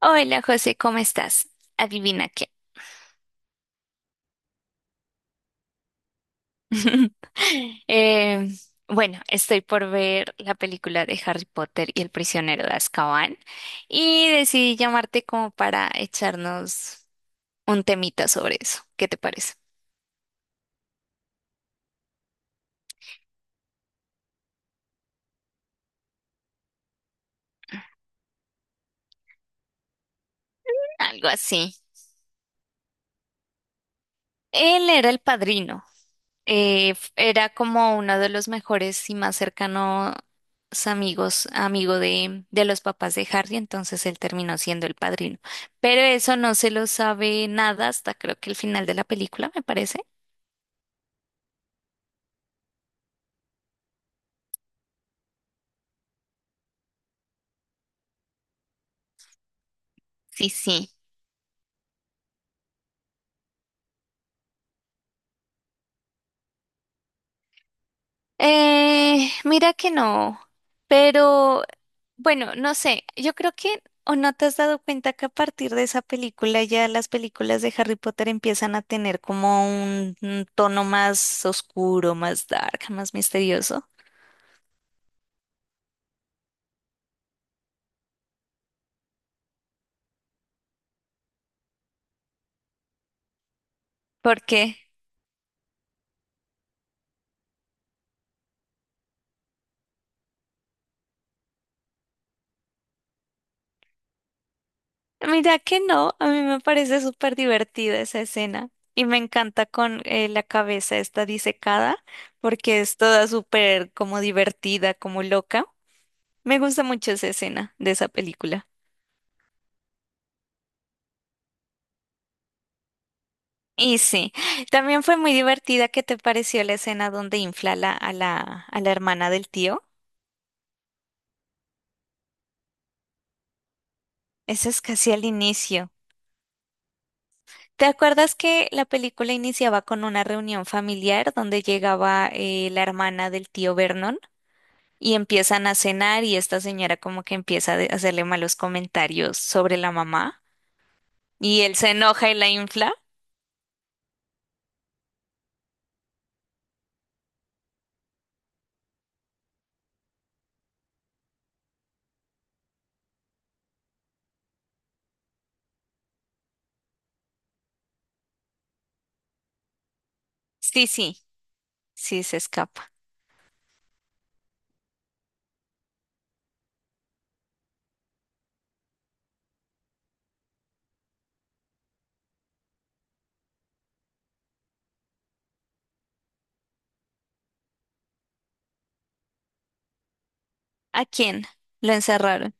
Hola José, ¿cómo estás? Adivina qué. Eh, bueno, estoy por ver la película de Harry Potter y el prisionero de Azkaban y decidí llamarte como para echarnos un temita sobre eso. ¿Qué te parece? Algo así. Él era el padrino. Era como uno de los mejores y más cercanos amigos, amigo de los papás de Harry, entonces él terminó siendo el padrino. Pero eso no se lo sabe nada hasta creo que el final de la película, me parece. Sí, sí. Mira que no, pero bueno, no sé, yo creo que o no te has dado cuenta que a partir de esa película ya las películas de Harry Potter empiezan a tener como un tono más oscuro, más dark, más misterioso. Porque, Mira que no, a mí me parece súper divertida esa escena y me encanta con la cabeza esta disecada, porque es toda súper como divertida, como loca. Me gusta mucho esa escena de esa película. Y sí, también fue muy divertida. ¿Qué te pareció la escena donde infla la- a la, a la hermana del tío? Eso es casi al inicio. ¿Te acuerdas que la película iniciaba con una reunión familiar donde llegaba la hermana del tío Vernon? Y empiezan a cenar y esta señora como que hacerle malos comentarios sobre la mamá y él se enoja y la infla. Sí, sí, sí se escapa. ¿A quién? Lo encerraron.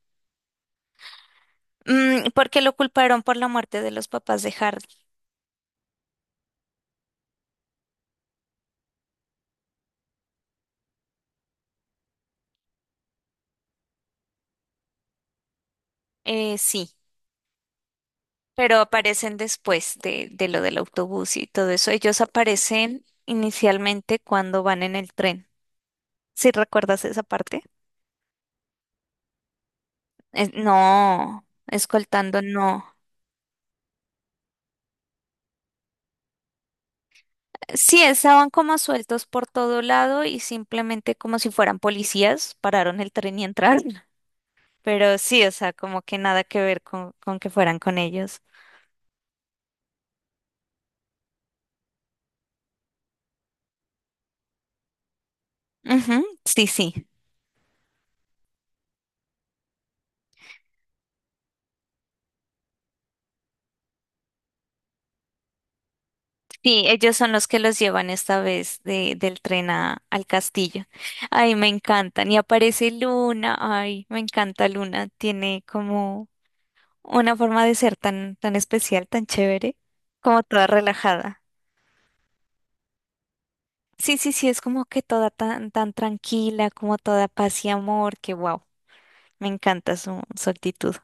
Mm, porque lo culparon por la muerte de los papás de Hardy. Sí, pero aparecen después de lo del autobús y todo eso. Ellos aparecen inicialmente cuando van en el tren. ¿Sí recuerdas esa parte? No, escoltando no. Sí, estaban como sueltos por todo lado y simplemente como si fueran policías, pararon el tren y entraron. Pero sí, o sea, como que nada que ver con que fueran con ellos. Ujú, sí, sí. Sí, ellos son los que los llevan esta vez del tren al castillo. Ay, me encantan. Y aparece Luna. Ay, me encanta Luna. Tiene como una forma de ser tan especial, tan chévere, como toda relajada. Sí, sí, sí, es como que toda tan tranquila, como toda paz y amor, que wow, me encanta su actitud.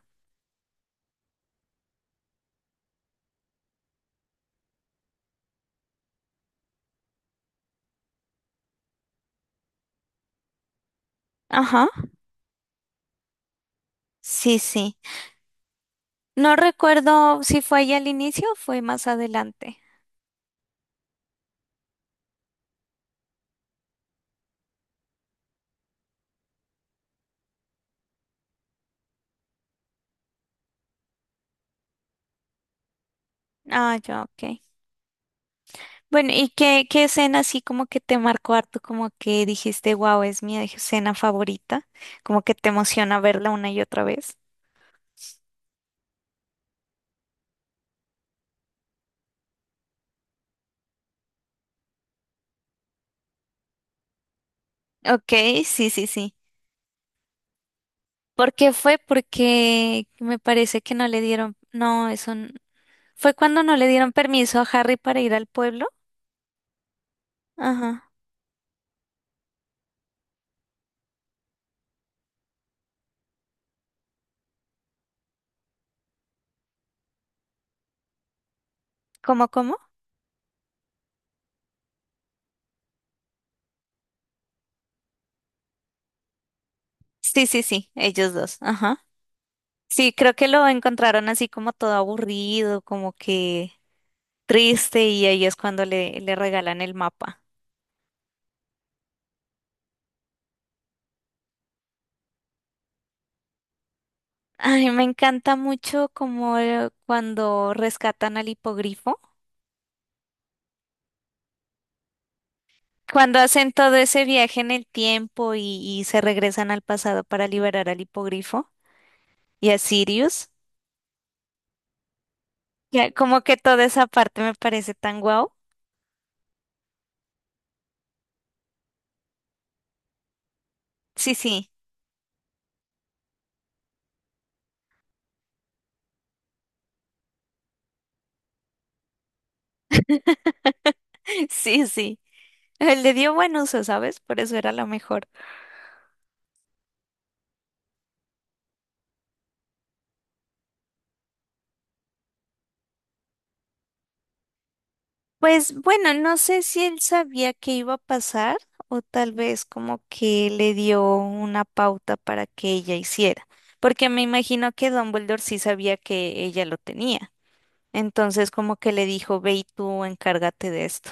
Ajá, sí, sí. No recuerdo si fue ahí al inicio o fue más adelante. Ah, ya, ok. Bueno, ¿y qué escena así como que te marcó harto, como que dijiste, wow, es mi escena favorita, como que te emociona verla una y otra vez? Ok, sí, sí, sí. ¿Por qué fue? Porque me parece que no le dieron, no, eso, Fue cuando no le dieron permiso a Harry para ir al pueblo. Ajá. ¿Cómo, cómo? Sí, sí, sí, ellos dos. Ajá. Sí, creo que lo encontraron así como todo aburrido, como que triste, y ahí es cuando le regalan el mapa. Ay, me encanta mucho como cuando rescatan al hipogrifo, cuando hacen todo ese viaje en el tiempo y se regresan al pasado para liberar al hipogrifo y a Sirius. Ya, como que toda esa parte me parece tan guau. Sí, sí. Sí, sí. Le dio buen uso, ¿sabes? Por eso era lo mejor. Pues bueno, no sé si él sabía que iba a pasar o tal vez como que le dio una pauta para que ella hiciera, porque me imagino que Dumbledore sí sabía que ella lo tenía. Entonces como que le dijo, ve y tú encárgate de esto.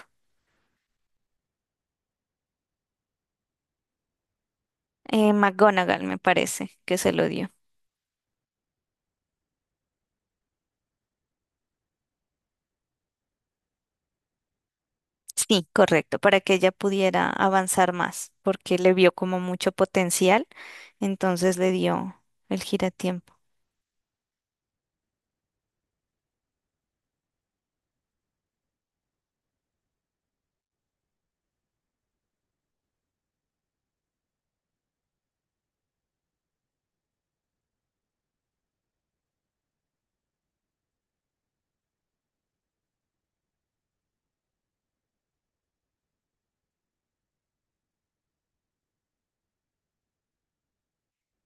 McGonagall me parece que se lo dio. Sí, correcto, para que ella pudiera avanzar más, porque le vio como mucho potencial, entonces le dio el giratiempo.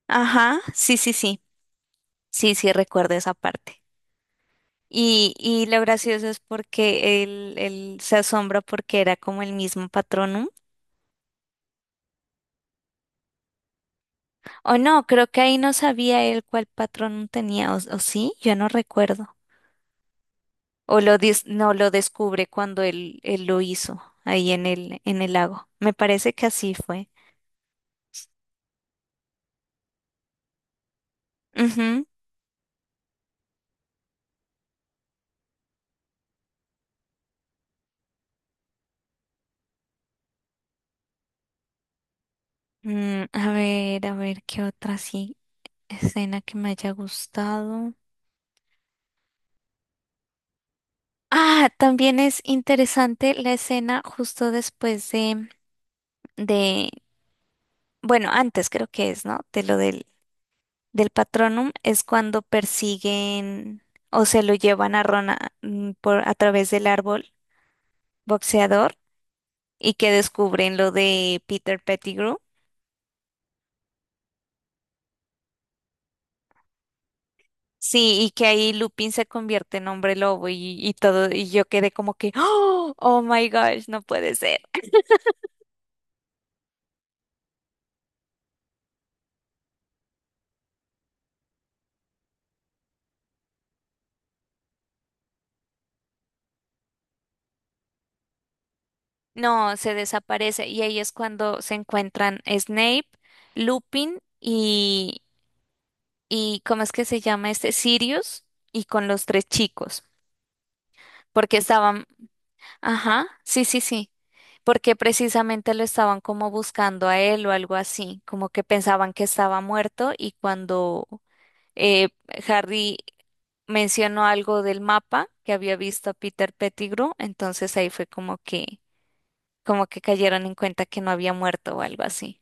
Ajá, sí, sí, sí, sí, sí, recuerdo esa parte. Y lo gracioso es porque él se asombra porque era como el mismo patronum. O no, creo que ahí no sabía él cuál patronum tenía, o sí, yo no recuerdo. No lo descubre cuando él lo hizo ahí en en el lago. Me parece que así fue. Ujú. Mm, a ver, ¿qué otra sí escena que me haya gustado? Ah, también es interesante la escena justo después de, bueno, antes creo que es, ¿no? De lo del Patronum, es cuando persiguen o se lo llevan a Rona a través del árbol boxeador y que descubren lo de Peter Pettigrew. Sí, y que ahí Lupin se convierte en hombre lobo y todo, y yo quedé como que, oh, oh my gosh, no puede ser. No, se desaparece y ahí es cuando se encuentran Snape, Lupin y ¿cómo es que se llama este? Sirius y con los tres chicos, porque estaban, ajá, sí, sí, sí, porque precisamente lo estaban como buscando a él o algo así, como que pensaban que estaba muerto y cuando eh, Harry mencionó algo del mapa que había visto a Peter Pettigrew, entonces ahí fue como que cayeron en cuenta que no había muerto o algo así.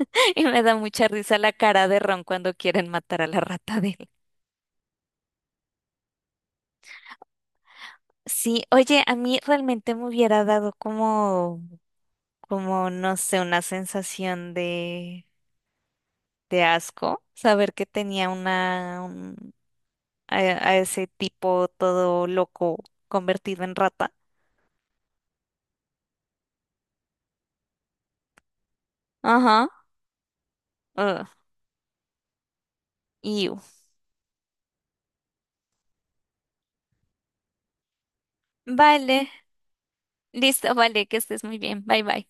Y me da mucha risa la cara de Ron cuando quieren matar a la rata de él. Sí, oye, a mí realmente me hubiera dado como, como, no sé, una sensación de asco saber que tenía a ese tipo todo loco convertido en rata. Ajá. Ugh, iu. Vale, listo, vale, que estés muy bien. Bye bye.